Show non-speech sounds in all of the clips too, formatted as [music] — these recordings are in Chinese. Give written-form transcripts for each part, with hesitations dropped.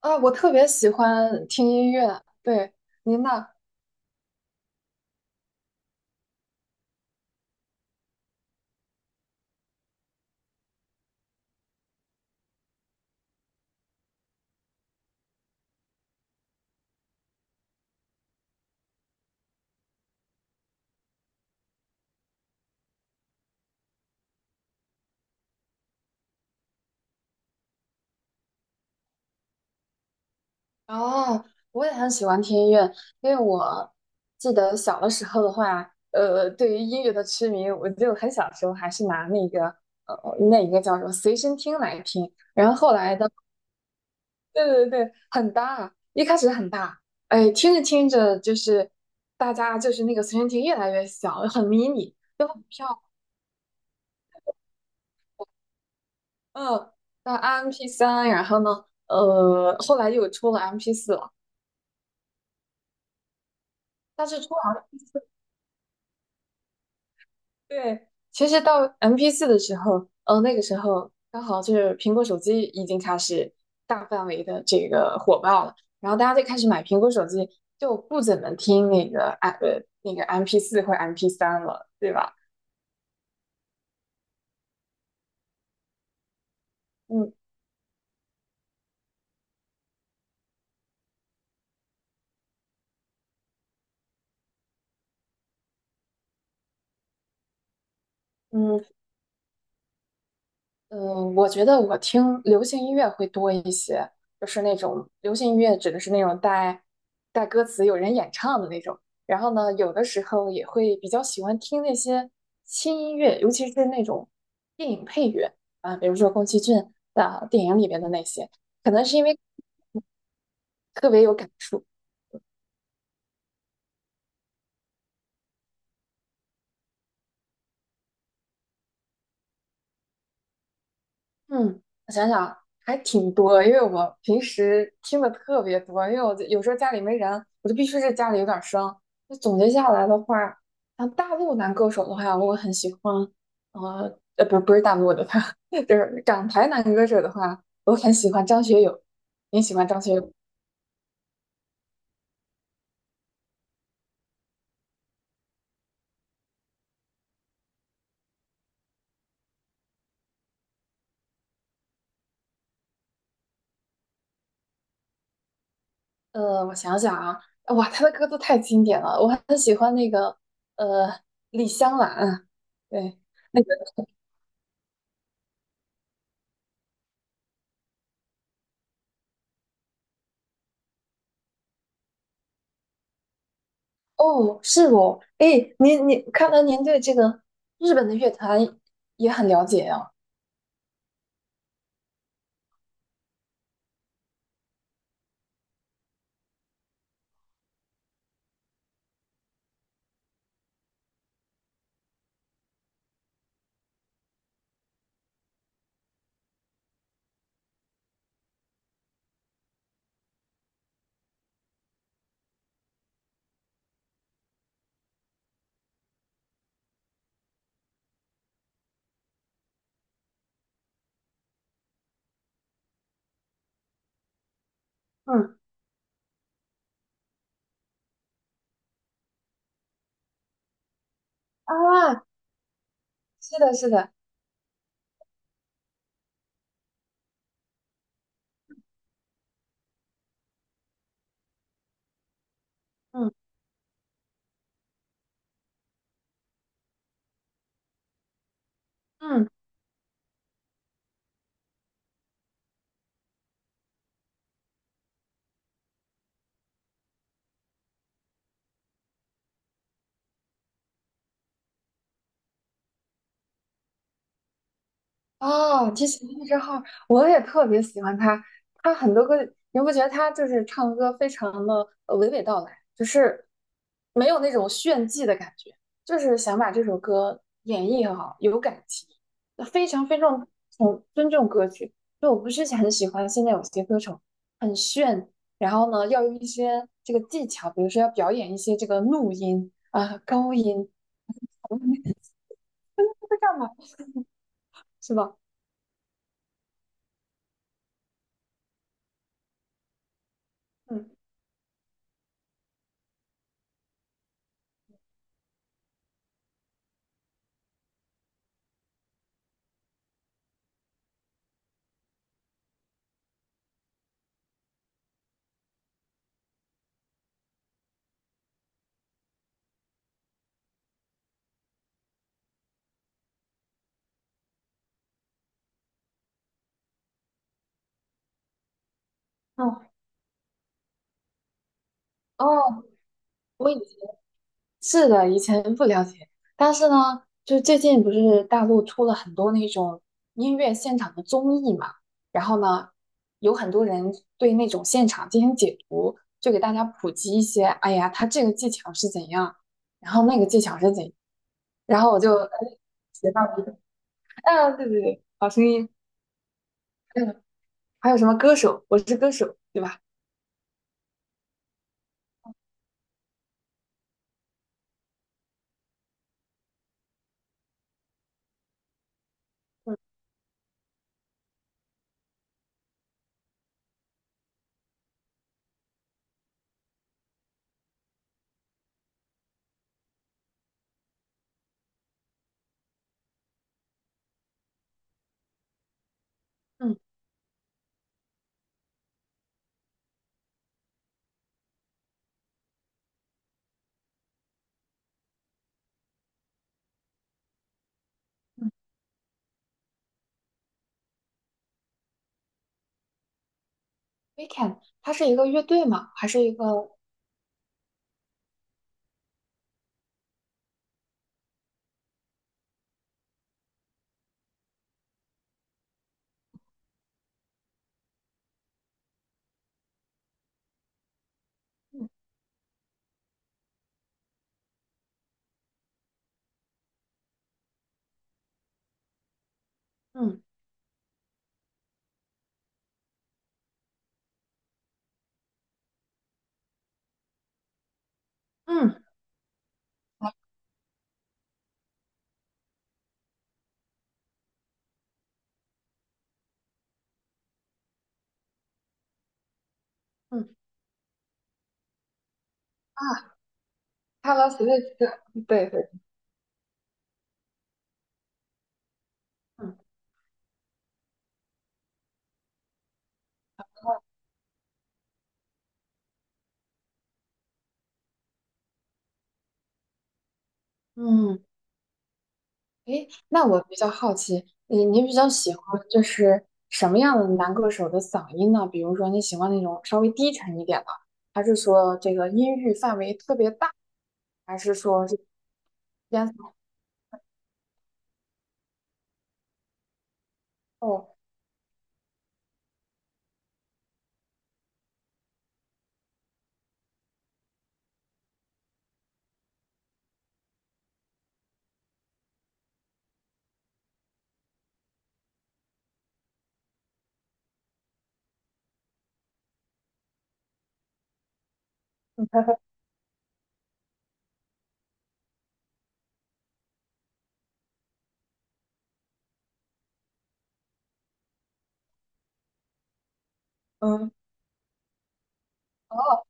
啊，我特别喜欢听音乐，对，您呢？哦，我也很喜欢听音乐，因为我记得小的时候的话，对于音乐的痴迷，我就很小时候还是拿那一个叫什么随身听来听，然后后来的，对对对，很大，一开始很大，哎，听着听着就是大家就是那个随身听越来越小，很迷你，又很漂亮，嗯，那 m p 三，然后呢？后来又出了 MP4，但是出来，对，其实到 m p 四的时候，那个时候刚好就是苹果手机已经开始大范围的这个火爆了，然后大家就开始买苹果手机，就不怎么听那个 m p 四或 m p 三了，对吧？嗯嗯，嗯，我觉得我听流行音乐会多一些，就是那种流行音乐指的是那种带歌词、有人演唱的那种。然后呢，有的时候也会比较喜欢听那些轻音乐，尤其是那种电影配乐啊，比如说宫崎骏的电影里边的那些，可能是因为特别有感触，嗯，我想想，还挺多的因为我平时听的特别多，因为我就有时候家里没人，我就必须是家里有点声。那总结下来的话，像大陆男歌手的话，我很喜欢，呃，呃，不，不是大陆的他 [laughs] 就是港台男歌手的话，我很喜欢张学友。你喜欢张学友？我想想啊，哇，他的歌都太经典了，我很喜欢那个，呃，李香兰，对。那个。哦，是哦，哎，您，看来您对这个日本的乐坛也很了解呀、嗯啊，是的，是的，嗯嗯，哦，提起那之后，我也特别喜欢他。他很多歌，你不觉得他就是唱歌非常的娓娓道来，就是没有那种炫技的感觉，就是想把这首歌演绎很好，有感情，非常非常从尊重歌曲。就我不是很喜欢现在有些歌手很炫，然后呢要用一些这个技巧，比如说要表演一些这个怒音啊、高音，这干嘛是吧？嗯，哦，哦。我以。是的，以前不了解，但是呢，就最近不是大陆出了很多那种音乐现场的综艺嘛，然后呢，有很多人对那种现场进行解读，就给大家普及一些，哎呀，他这个技巧是怎样，然后那个技巧是怎样，然后我就哎学到了一个，啊，对对对，好声音，嗯，还有什么歌手，我是歌手，对吧？嗯嗯，Weekend，它是一个乐队嘛，还是一个嗯嗯嗯嗯。啊 Hello s w i c h 对对，嗯嗯，诶，那我比较好奇，你比较喜欢就是什么样的男歌手的嗓音呢？比如说你喜欢那种稍微低沉一点的，还是说这个音域范围特别大，还是说是烟嗓？哦，[laughs] 嗯哦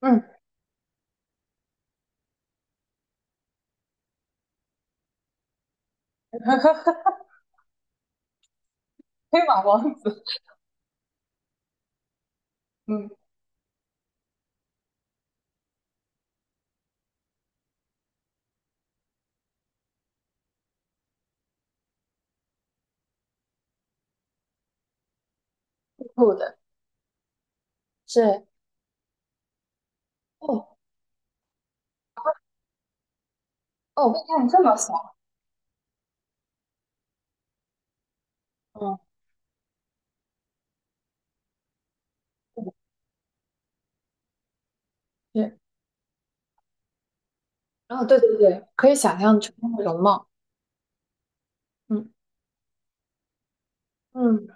嗯，[laughs] 黑马王子，嗯，酷的是哦哦，被看这么小，嗯，是，哦对对对，可以想象成那的容貌，嗯嗯，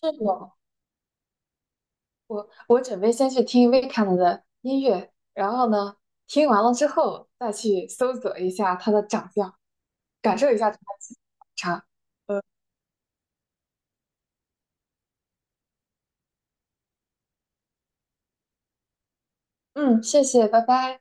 是的。我准备先去听 Weeknd 的音乐，然后呢，听完了之后再去搜索一下他的长相，感受一下他的气场。呃嗯，谢谢，拜拜。